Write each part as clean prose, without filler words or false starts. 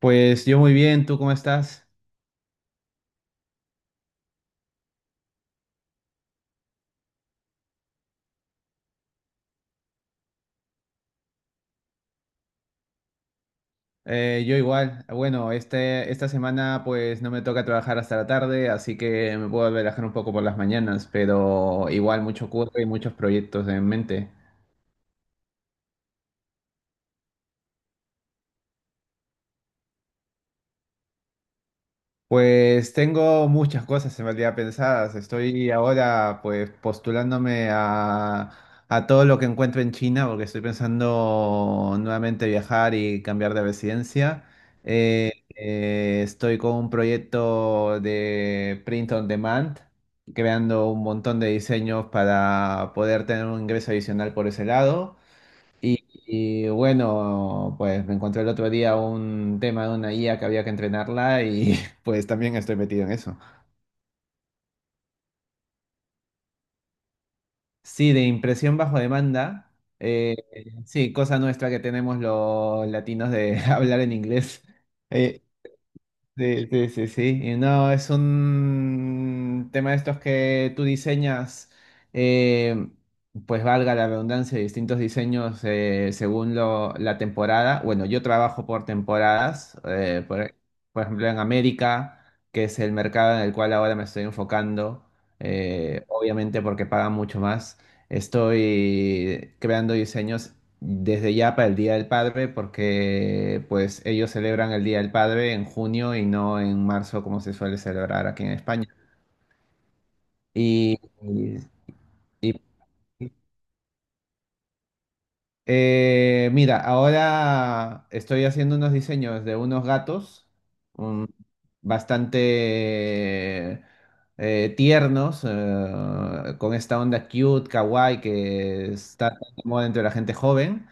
Pues yo muy bien, ¿tú cómo estás? Yo igual. Bueno, esta semana pues no me toca trabajar hasta la tarde, así que me puedo relajar un poco por las mañanas, pero igual mucho curro y muchos proyectos en mente. Pues tengo muchas cosas en realidad pensadas. Estoy ahora pues postulándome a todo lo que encuentro en China porque estoy pensando nuevamente viajar y cambiar de residencia. Estoy con un proyecto de print on demand, creando un montón de diseños para poder tener un ingreso adicional por ese lado. Bueno, pues me encontré el otro día un tema de una IA que había que entrenarla y pues también estoy metido en eso. Sí, de impresión bajo demanda. eh, sí, cosa nuestra que tenemos los latinos de hablar en inglés. Eh, Sí, sí, sí, sí. Y no, es un tema de estos que tú diseñas, eh, pues valga la redundancia, distintos diseños según la temporada. Bueno, yo trabajo por temporadas, por ejemplo en América, que es el mercado en el cual ahora me estoy enfocando, obviamente porque pagan mucho más. Estoy creando diseños desde ya para el Día del Padre porque pues ellos celebran el Día del Padre en junio y no en marzo como se suele celebrar aquí en España. Y, y- Mira, ahora estoy haciendo unos diseños de unos gatos um, bastante tiernos con esta onda cute, kawaii que está tan de moda entre la gente joven.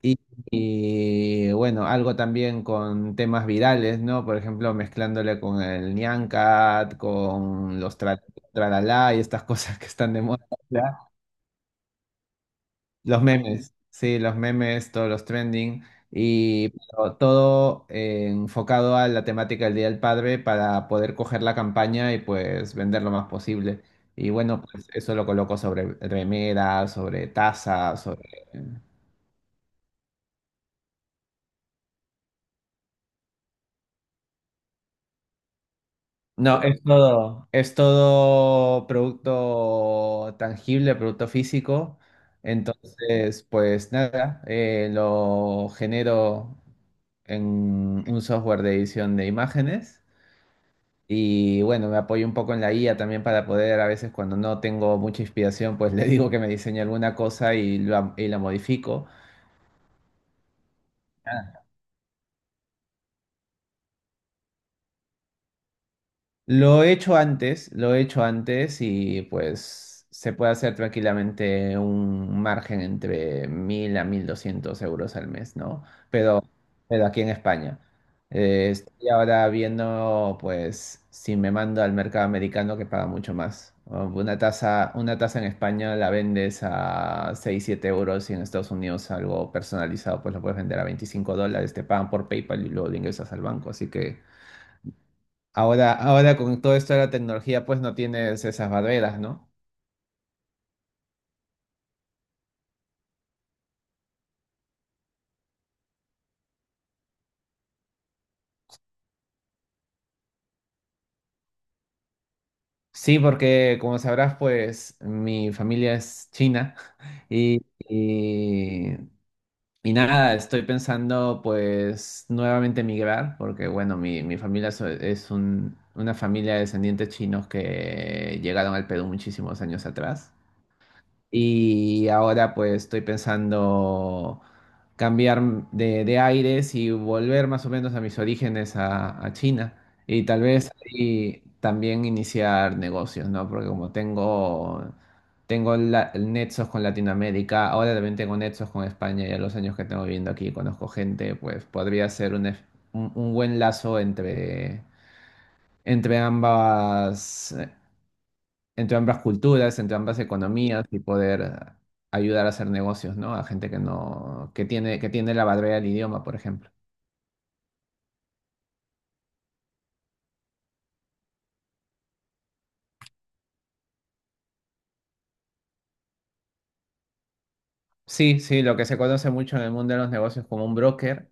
Y, bueno, algo también con temas virales, ¿no? Por ejemplo, mezclándole con el Nyan Cat, con los tralalá y estas cosas que están de moda. ¿Ya? Los memes, sí, los memes, todos los trending. Y pero todo enfocado a la temática del Día del Padre para poder coger la campaña y pues vender lo más posible. Y bueno, pues eso lo coloco sobre remeras, sobre tazas, sobre… No, es todo producto tangible, producto físico. Entonces, pues nada, lo genero en un software de edición de imágenes. Y bueno, me apoyo un poco en la IA también para poder, a veces cuando no tengo mucha inspiración, pues le digo que me diseñe alguna cosa y lo y la modifico. Lo he hecho antes, lo he hecho antes y pues se puede hacer tranquilamente un margen entre 1000 a 1200 euros al mes, ¿no? Pero, pero aquí en España. Estoy ahora viendo pues si me mando al mercado americano que paga mucho más. O Una tasa en España la vendes a 6 7 euros y en Estados Unidos algo personalizado pues lo puedes vender a 25 dólares, te pagan por PayPal y luego lo ingresas al banco, así que… Ahora con todo esto de la tecnología, pues no tienes esas barreras, ¿no? Sí, porque como sabrás, pues mi familia es china y, y, y nada, estoy pensando pues nuevamente migrar, porque bueno, mi familia una familia de descendientes chinos que llegaron al Perú muchísimos años atrás. Y ahora pues estoy pensando cambiar de aires y volver más o menos a mis orígenes a China. Y tal vez ahí también iniciar negocios, ¿no? Porque como tengo nexos con Latinoamérica, ahora también tengo nexos con España, ya los años que tengo viviendo aquí, conozco gente, pues podría ser un buen lazo entre, entre ambas entre ambas culturas, entre ambas economías y poder ayudar a hacer negocios, ¿no? A gente que no, que tiene la barrera del idioma, por ejemplo. Sí, sí, lo que se conoce mucho en el mundo de los negocios como un broker,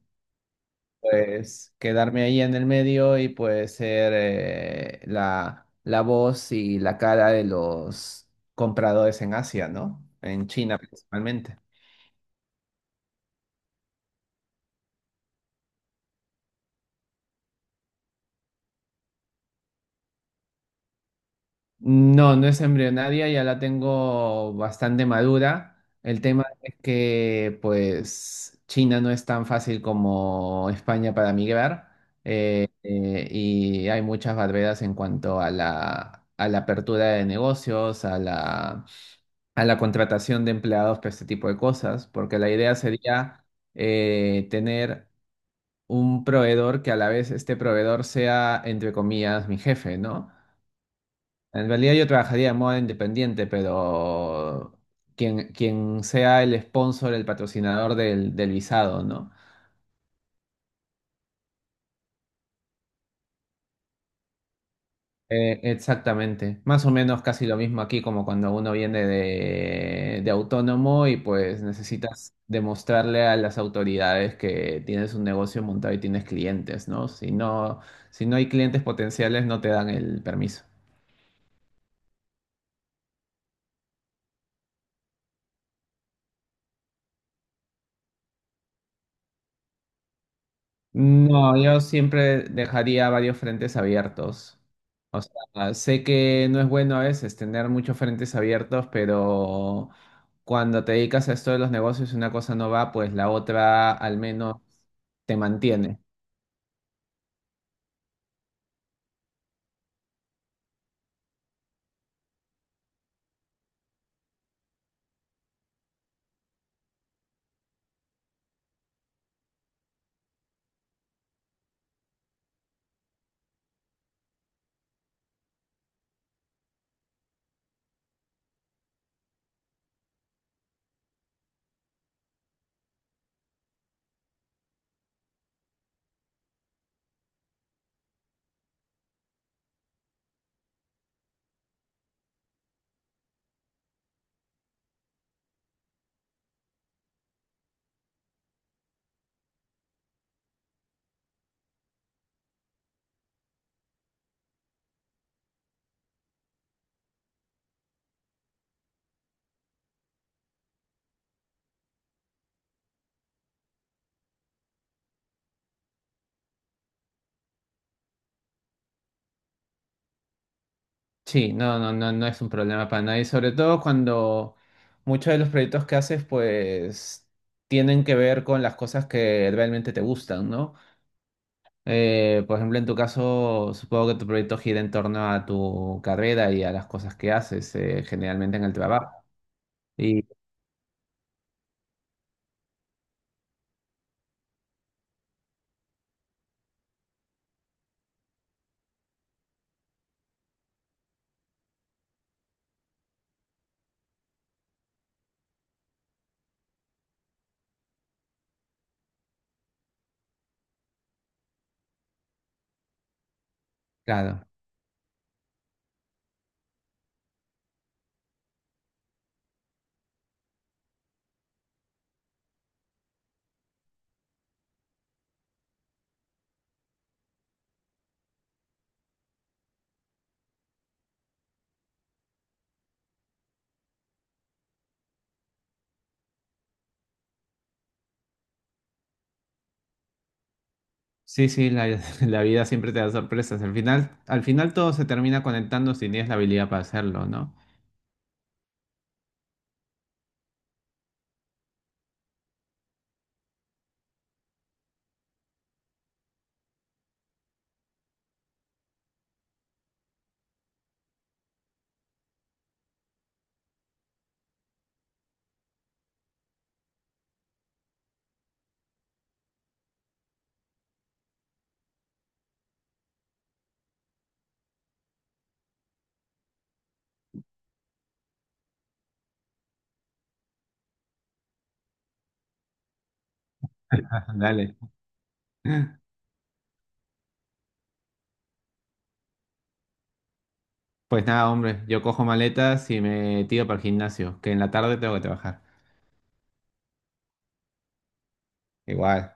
pues quedarme ahí en el medio y pues ser la voz y la cara de los compradores en Asia, ¿no? En China principalmente. No, no es embrionaria, ya la tengo bastante madura. El tema es que, pues, China no es tan fácil como España para migrar y hay muchas barreras en cuanto a a la apertura de negocios, a a la contratación de empleados para este tipo de cosas, porque la idea sería tener un proveedor que a la vez este proveedor sea, entre comillas, mi jefe, ¿no? En realidad yo trabajaría de modo independiente, pero quien sea el sponsor, el patrocinador del visado, ¿no? Exactamente. Más o menos casi lo mismo aquí como cuando uno viene de autónomo y pues necesitas demostrarle a las autoridades que tienes un negocio montado y tienes clientes, ¿no? Si no, si no hay clientes potenciales, no te dan el permiso. No, yo siempre dejaría varios frentes abiertos. O sea, sé que no es bueno a veces tener muchos frentes abiertos, pero cuando te dedicas a esto de los negocios y una cosa no va, pues la otra al menos te mantiene. Sí, no, no, no, no es un problema para nadie, sobre todo cuando muchos de los proyectos que haces, pues tienen que ver con las cosas que realmente te gustan, ¿no? Por ejemplo, en tu caso, supongo que tu proyecto gira en torno a tu carrera y a las cosas que haces, generalmente en el trabajo. Y claro, sí, sí, la vida siempre te da sorpresas. Al final todo se termina conectando si tienes la habilidad para hacerlo, ¿no? Dale. Pues nada, hombre, yo cojo maletas y me tiro para el gimnasio, que en la tarde tengo que trabajar. Igual.